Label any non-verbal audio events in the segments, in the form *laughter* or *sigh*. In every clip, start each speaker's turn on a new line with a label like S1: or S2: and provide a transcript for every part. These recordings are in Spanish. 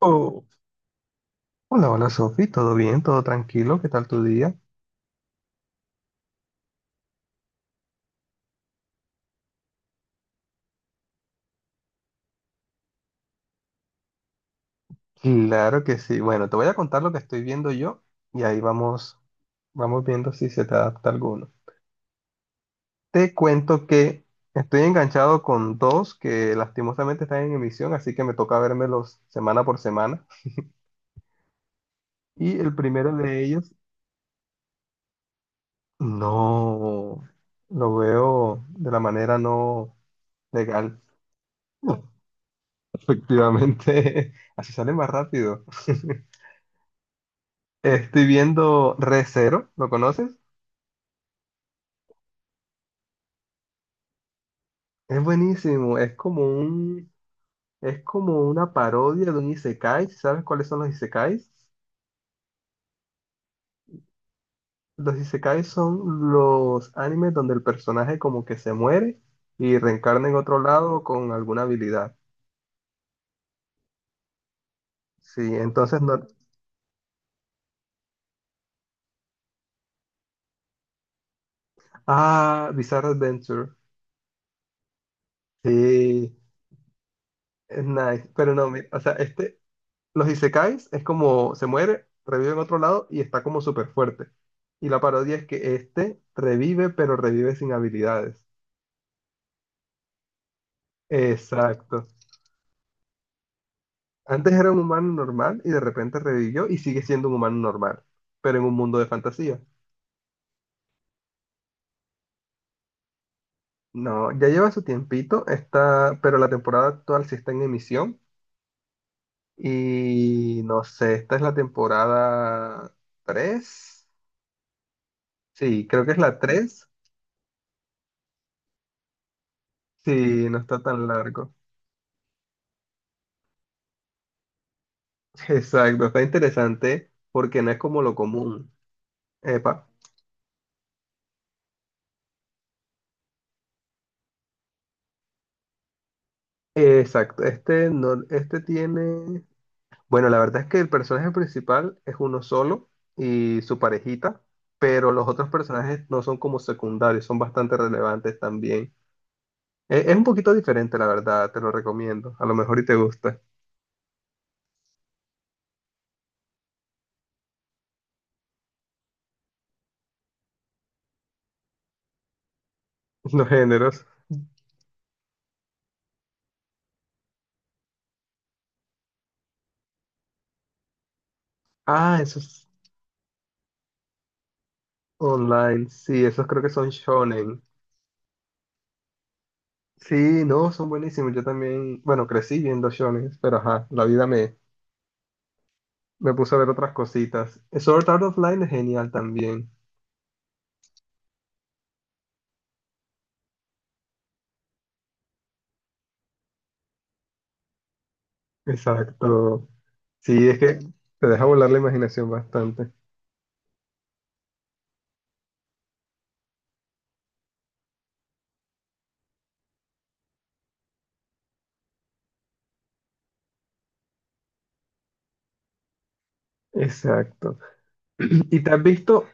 S1: Oh, hola, hola Sofi, ¿todo bien? ¿Todo tranquilo? ¿Qué tal tu día? Claro que sí. Bueno, te voy a contar lo que estoy viendo yo y ahí vamos, vamos viendo si se te adapta alguno. Te cuento que estoy enganchado con dos que lastimosamente están en emisión, así que me toca vérmelos semana por semana. Y el primero de ellos, no, lo veo de la manera no legal. *laughs* Efectivamente, *laughs* así sale más rápido. *laughs* Estoy viendo Re:Zero, ¿lo conoces? Es buenísimo, es como un, es como una parodia de un isekai. ¿Sabes cuáles son los isekais? Los isekais son los animes donde el personaje como que se muere y reencarna en otro lado con alguna habilidad. Sí, entonces no. Ah, Bizarre Adventure. Sí, es nice. Pero no, o sea, este, los isekais es como se muere, revive en otro lado y está como súper fuerte. Y la parodia es que este revive, pero revive sin habilidades. Exacto. Antes era un humano normal y de repente revivió y sigue siendo un humano normal, pero en un mundo de fantasía. No, ya lleva su tiempito, está, pero la temporada actual sí está en emisión. Y no sé, esta es la temporada tres. Sí, creo que es la tres. Sí, no está tan largo. Exacto, está interesante porque no es como lo común. Epa. Exacto, este, no, este tiene... Bueno, la verdad es que el personaje principal es uno solo y su parejita, pero los otros personajes no son como secundarios, son bastante relevantes también. Es, un poquito diferente, la verdad, te lo recomiendo. A lo mejor y te gusta *laughs* los géneros. Ah, esos online, sí, esos creo que son shonen. Sí, no, son buenísimos. Yo también, bueno, crecí viendo shonen, pero ajá, la vida me puse a ver otras cositas. Sword Art Online es genial también. Exacto. Sí, es que te deja volar la imaginación bastante. Exacto. Y te has visto,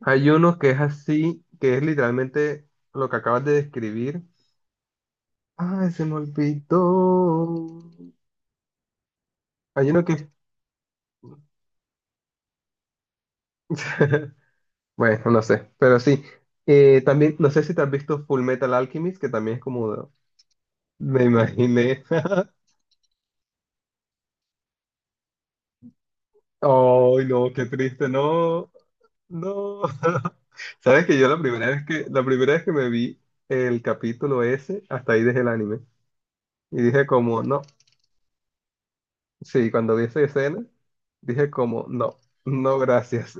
S1: hay uno que es así, que es literalmente lo que acabas de describir. Ay, se me olvidó. Hay uno que... *laughs* Bueno, no sé, pero sí. También, no sé si te has visto Full Metal Alchemist, que también es como... Me imaginé. *laughs* Ay, no, qué triste, no. No. *laughs* Sabes que yo la primera vez que me vi el capítulo ese, hasta ahí dejé el anime. Y dije como, no. Sí, cuando vi esa escena, dije como, no, no, gracias.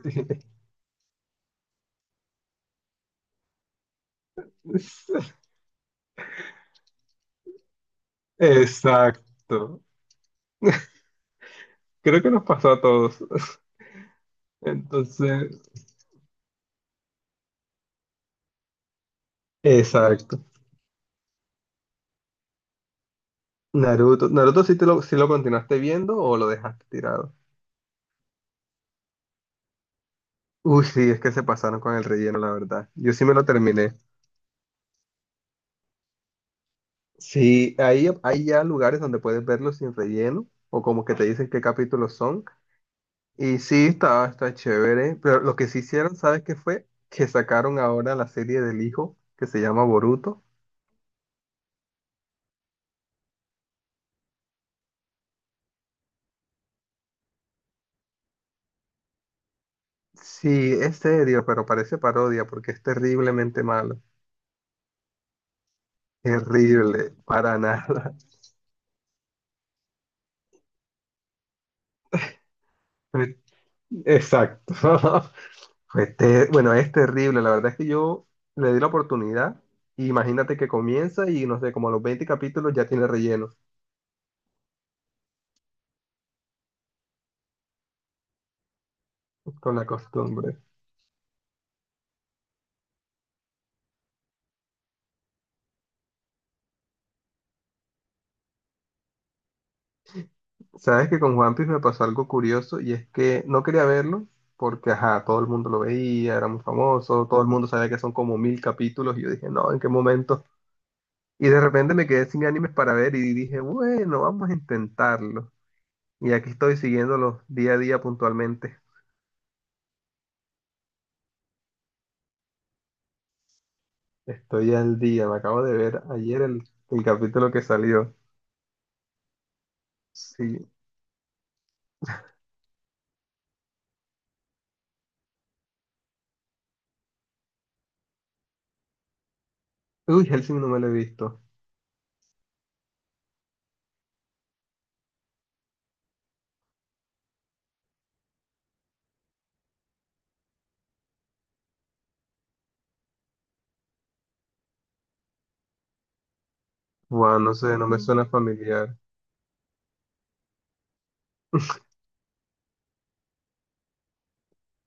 S1: *laughs* Exacto. Creo que nos pasó a todos. *laughs* Entonces, exacto. Naruto, sí lo continuaste viendo o lo dejaste tirado. Uy, sí, es que se pasaron con el relleno, la verdad. Yo sí me lo terminé. Sí, ahí hay ya lugares donde puedes verlos sin relleno o como que te dicen qué capítulos son. Y sí, está chévere. Pero lo que sí hicieron, ¿sabes qué fue? Que sacaron ahora la serie del hijo que se llama Boruto. Sí, es serio, pero parece parodia porque es terriblemente malo. Terrible, para nada. *laughs* Exacto. *laughs* Bueno, es terrible. La verdad es que yo le di la oportunidad. Y imagínate que comienza y no sé, como a los 20 capítulos ya tiene relleno con la costumbre. Sabes que con One Piece me pasó algo curioso y es que no quería verlo porque, ajá, todo el mundo lo veía, era muy famoso, todo el mundo sabía que son como mil capítulos y yo dije, no, ¿en qué momento? Y de repente me quedé sin animes para ver y dije, bueno, vamos a intentarlo. Y aquí estoy siguiéndolo día a día puntualmente. Estoy al día, me acabo de ver ayer el capítulo que salió. Sí. Uy, Hellsing no me lo he visto. Bueno, no sé, no me suena familiar.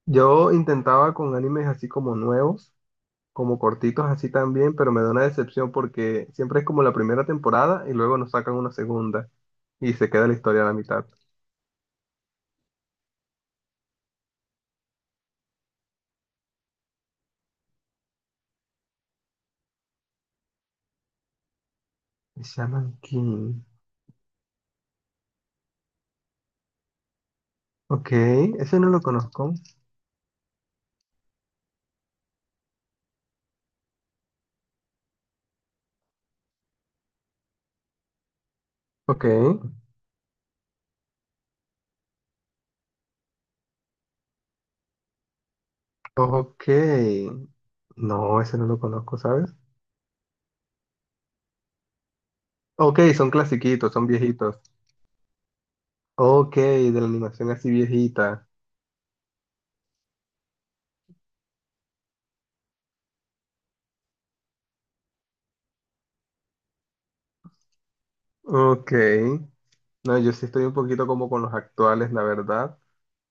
S1: Yo intentaba con animes así como nuevos, como cortitos así también, pero me da una decepción porque siempre es como la primera temporada y luego nos sacan una segunda y se queda la historia a la mitad. Shaman King. Ok, ese no lo conozco. Ok, ok. No, ese no lo conozco, ¿sabes? Ok, son clasiquitos, son viejitos. Ok, de la animación así viejita. Ok. No, yo sí estoy un poquito como con los actuales, la verdad.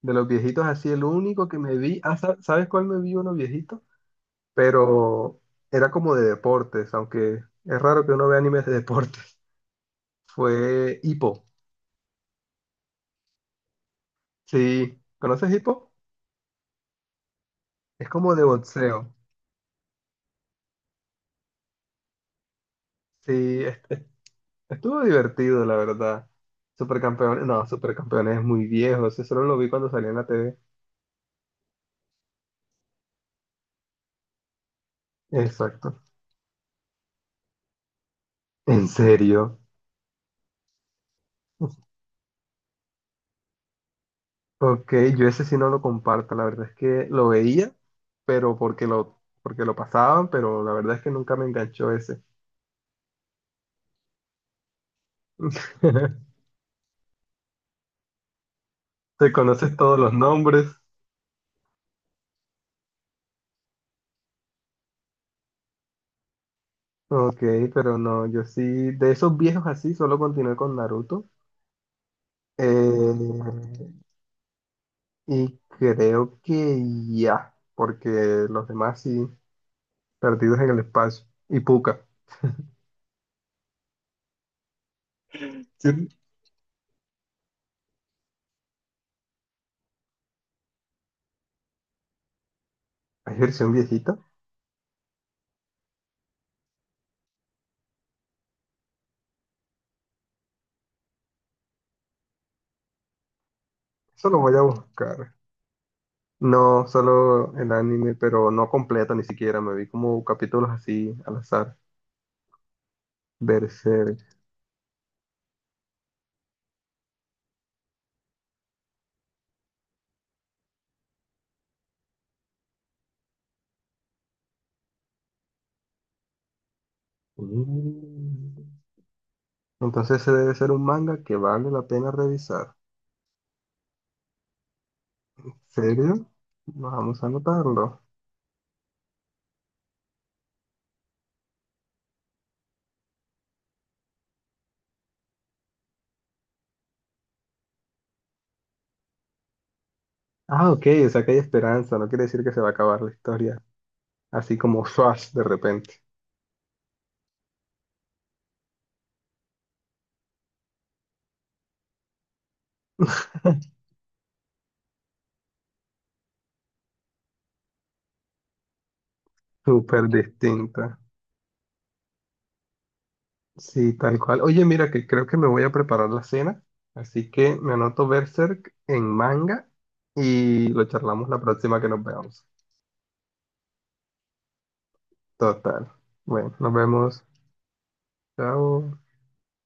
S1: De los viejitos así, el único que me vi, ah, ¿sabes cuál me vi uno viejito? Pero era como de deportes, aunque es raro que uno vea animes de deportes. *laughs* Fue Hippo. Sí, ¿conoces Hippo? Es como de boxeo. Sí, estuvo divertido, la verdad. Supercampeones, no, Supercampeones es muy viejo, ese solo lo vi cuando salía en la TV. Exacto. ¿En serio? Ok, yo ese sí no lo comparto, la verdad es que lo veía, pero porque lo pasaban, pero la verdad es que nunca me enganchó ese. *laughs* Te conoces todos los nombres. Ok, pero no, yo sí, de esos viejos así, solo continué con Naruto. Eh, y creo que ya, porque los demás sí, perdidos en el espacio. Y Puka. Sí. ¿Hay versión viejita? Eso lo voy a buscar. No, solo el anime, pero no completo ni siquiera. Me vi como capítulos así al azar. Berserk. Mm. Entonces ese debe ser un manga que vale la pena revisar. ¿En serio? Vamos a anotarlo. Ah, ok, o sea que hay esperanza, no quiere decir que se va a acabar la historia, así como Swash de repente, súper distinta. Sí, tal cual. Oye, mira que creo que me voy a preparar la cena, así que me anoto Berserk en manga y lo charlamos la próxima que nos veamos. Total. Bueno, nos vemos. Chao.